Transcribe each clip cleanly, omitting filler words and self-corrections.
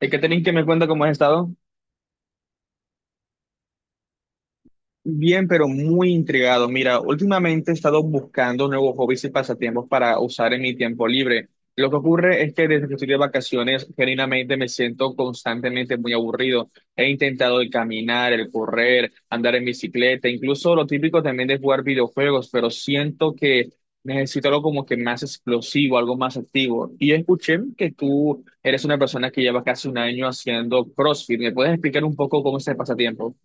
Hay que tener que me cuenta cómo has estado. Bien, pero muy intrigado. Mira, últimamente he estado buscando nuevos hobbies y pasatiempos para usar en mi tiempo libre. Lo que ocurre es que desde que estoy de vacaciones, genuinamente me siento constantemente muy aburrido. He intentado el caminar, el correr, andar en bicicleta, incluso lo típico también de jugar videojuegos, pero siento que necesito algo como que más explosivo, algo más activo. Y escuché que tú eres una persona que lleva casi 1 año haciendo CrossFit. ¿Me puedes explicar un poco cómo es el pasatiempo?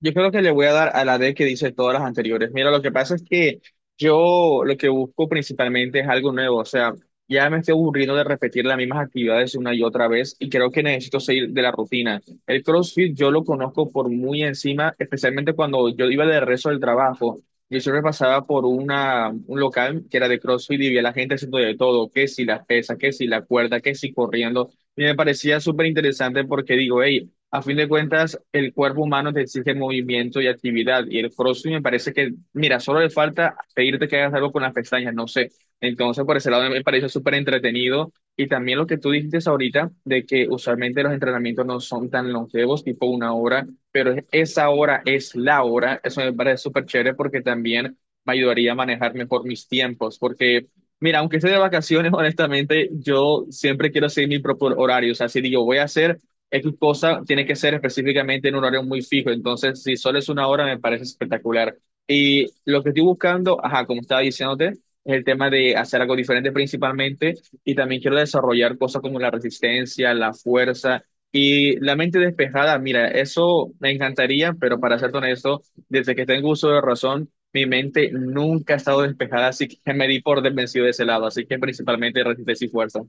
Yo creo que le voy a dar a la D que dice todas las anteriores. Mira, lo que pasa es que yo lo que busco principalmente es algo nuevo. O sea, ya me estoy aburriendo de repetir las mismas actividades una y otra vez y creo que necesito salir de la rutina. El CrossFit yo lo conozco por muy encima, especialmente cuando yo iba de rezo del trabajo. Yo siempre pasaba por un local que era de CrossFit y vi a la gente haciendo de todo, que si las pesas, que si la cuerda, que si corriendo. Y me parecía súper interesante porque digo, hey, a fin de cuentas, el cuerpo humano te exige movimiento y actividad. Y el CrossFit me parece que, mira, solo le falta pedirte que hagas algo con las pestañas, no sé. Entonces, por ese lado me parece súper entretenido. Y también lo que tú dijiste ahorita, de que usualmente los entrenamientos no son tan longevos, tipo 1 hora, pero esa hora es la hora. Eso me parece súper chévere porque también me ayudaría a manejar mejor mis tiempos. Porque, mira, aunque esté de vacaciones, honestamente, yo siempre quiero seguir mi propio horario. O sea, si digo, voy a hacer X cosa tiene que ser específicamente en un horario muy fijo. Entonces, si solo es 1 hora, me parece espectacular. Y lo que estoy buscando, ajá, como estaba diciéndote, es el tema de hacer algo diferente principalmente. Y también quiero desarrollar cosas como la resistencia, la fuerza y la mente despejada. Mira, eso me encantaría, pero para ser honesto, desde que tengo uso de razón, mi mente nunca ha estado despejada, así que me di por desvencido de ese lado. Así que principalmente resistencia y fuerza.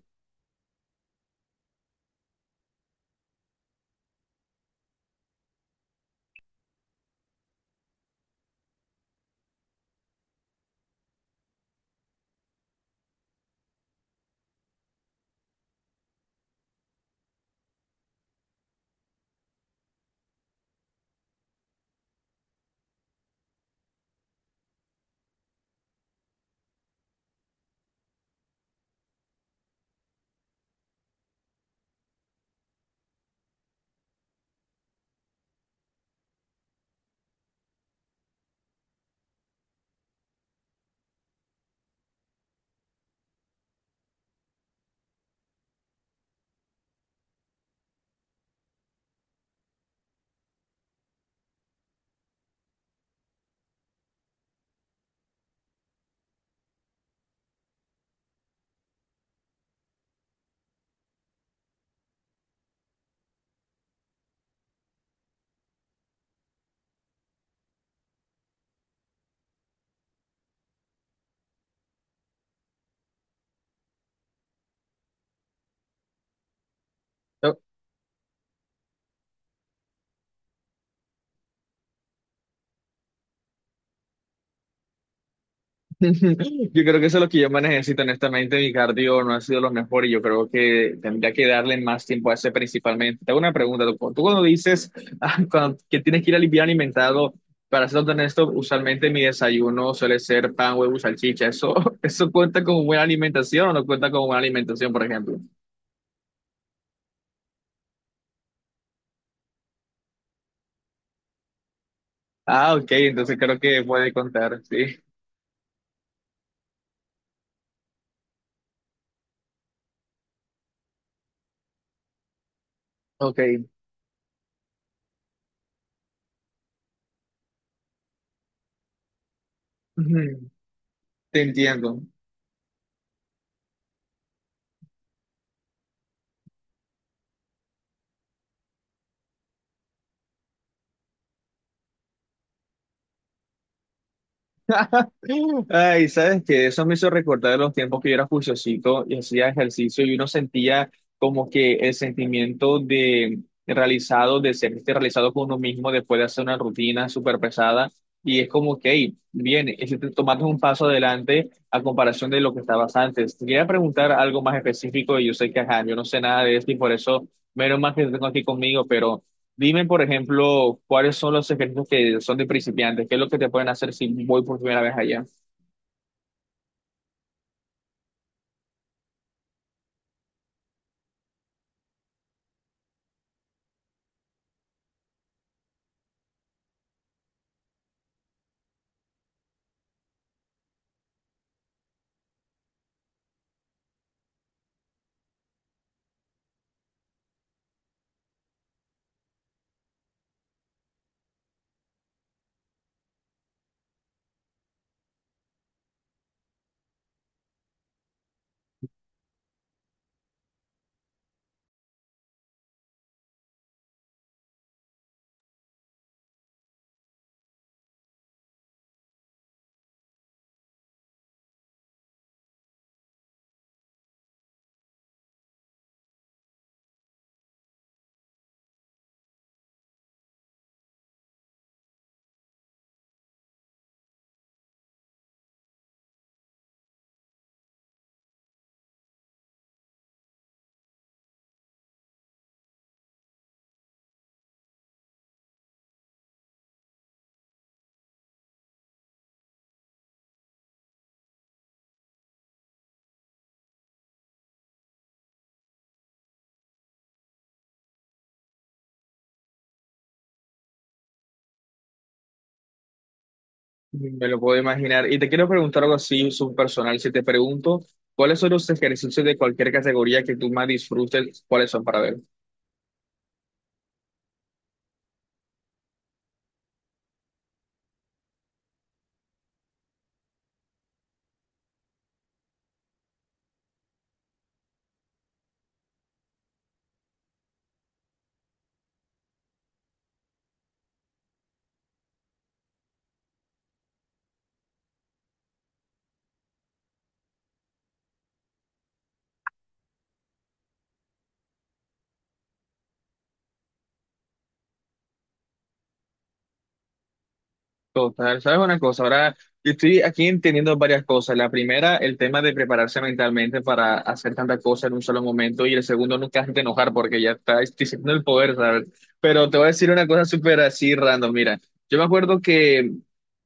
Yo creo que eso es lo que yo más necesito, honestamente. Mi cardio no ha sido lo mejor y yo creo que tendría que darle más tiempo a ese principalmente. Te hago una pregunta, tú cuando dices ah, que tienes que ir al bien alimentado, para ser honesto, usualmente mi desayuno suele ser pan, huevo, y salchicha. ¿Eso, eso cuenta como buena alimentación o no cuenta como buena alimentación, por ejemplo? Ah, ok, entonces creo que puede contar, sí. Ok. Ujú, te entiendo. Ay, ¿sabes que eso me hizo recordar los tiempos que yo era juiciosito y hacía ejercicio y uno sentía como que el sentimiento de realizado, de sentirse realizado con uno mismo después de hacer una rutina súper pesada? Y es como que, hey, bien, tomaste un paso adelante a comparación de lo que estabas antes. Te quería preguntar algo más específico y yo sé que, ajá, yo no sé nada de esto y por eso, menos mal que te tengo aquí conmigo, pero... Dime, por ejemplo, cuáles son los secretos que son de principiantes, qué es lo que te pueden hacer si voy por primera vez allá. Me lo puedo imaginar. Y te quiero preguntar algo así, subpersonal. Si te pregunto, ¿cuáles son los ejercicios de cualquier categoría que tú más disfrutes? ¿Cuáles son para ver? Total, ¿sabes una cosa? Ahora, yo estoy aquí entendiendo varias cosas. La primera, el tema de prepararse mentalmente para hacer tantas cosas en un solo momento. Y el segundo, nunca hacerte enojar porque ya está diciendo el poder, ¿sabes? Pero te voy a decir una cosa súper así random, mira. Yo me acuerdo que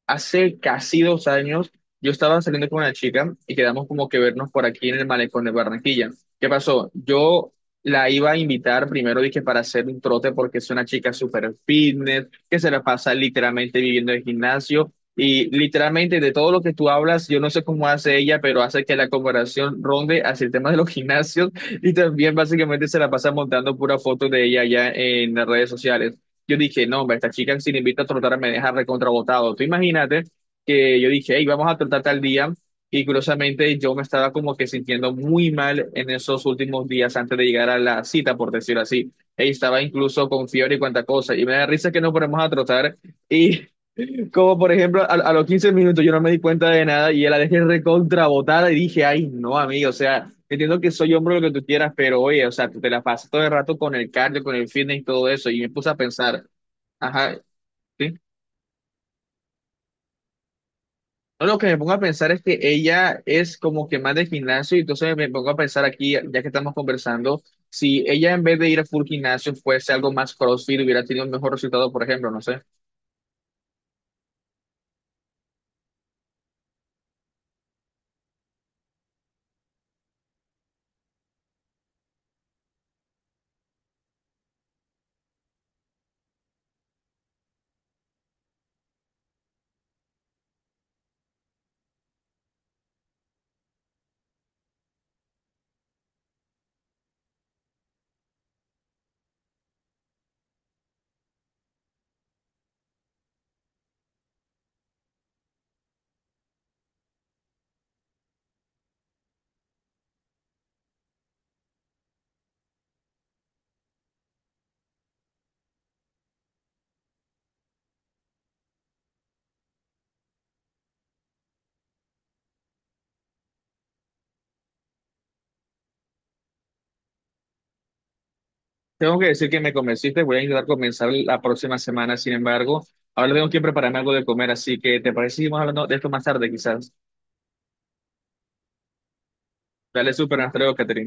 hace casi 2 años yo estaba saliendo con una chica y quedamos como que vernos por aquí en el malecón de Barranquilla. ¿Qué pasó? Yo la iba a invitar primero, dije, para hacer un trote porque es una chica súper fitness, que se la pasa literalmente viviendo en el gimnasio y literalmente de todo lo que tú hablas, yo no sé cómo hace ella, pero hace que la comparación ronde hacia el tema de los gimnasios, y también básicamente se la pasa montando pura foto de ella allá en las redes sociales. Yo dije, no, hombre, esta chica si le invito a trotar me deja recontrabotado. Tú imagínate que yo dije, hey, vamos a trotar tal día. Y curiosamente yo me estaba como que sintiendo muy mal en esos últimos días antes de llegar a la cita, por decirlo así. Ey, estaba incluso con fiebre y cuanta cosa. Y me da risa que nos ponemos a trotar. Y como por ejemplo, a los 15 minutos yo no me di cuenta de nada y ya la dejé recontrabotada y dije, ay, no, amigo, o sea, entiendo que soy hombre lo que tú quieras, pero oye, o sea, tú te la pasas todo el rato con el cardio, con el fitness y todo eso. Y me puse a pensar. Ajá, sí. No, lo que me pongo a pensar es que ella es como que más de gimnasio, y entonces me pongo a pensar aquí, ya que estamos conversando, si ella en vez de ir a full gimnasio fuese algo más CrossFit, hubiera tenido un mejor resultado, por ejemplo, no sé. Tengo que decir que me convenciste, voy a intentar comenzar la próxima semana, sin embargo, ahora tengo que prepararme algo de comer, así que ¿te parece si seguimos hablando de esto más tarde, quizás? Dale súper, hasta luego, Catherine.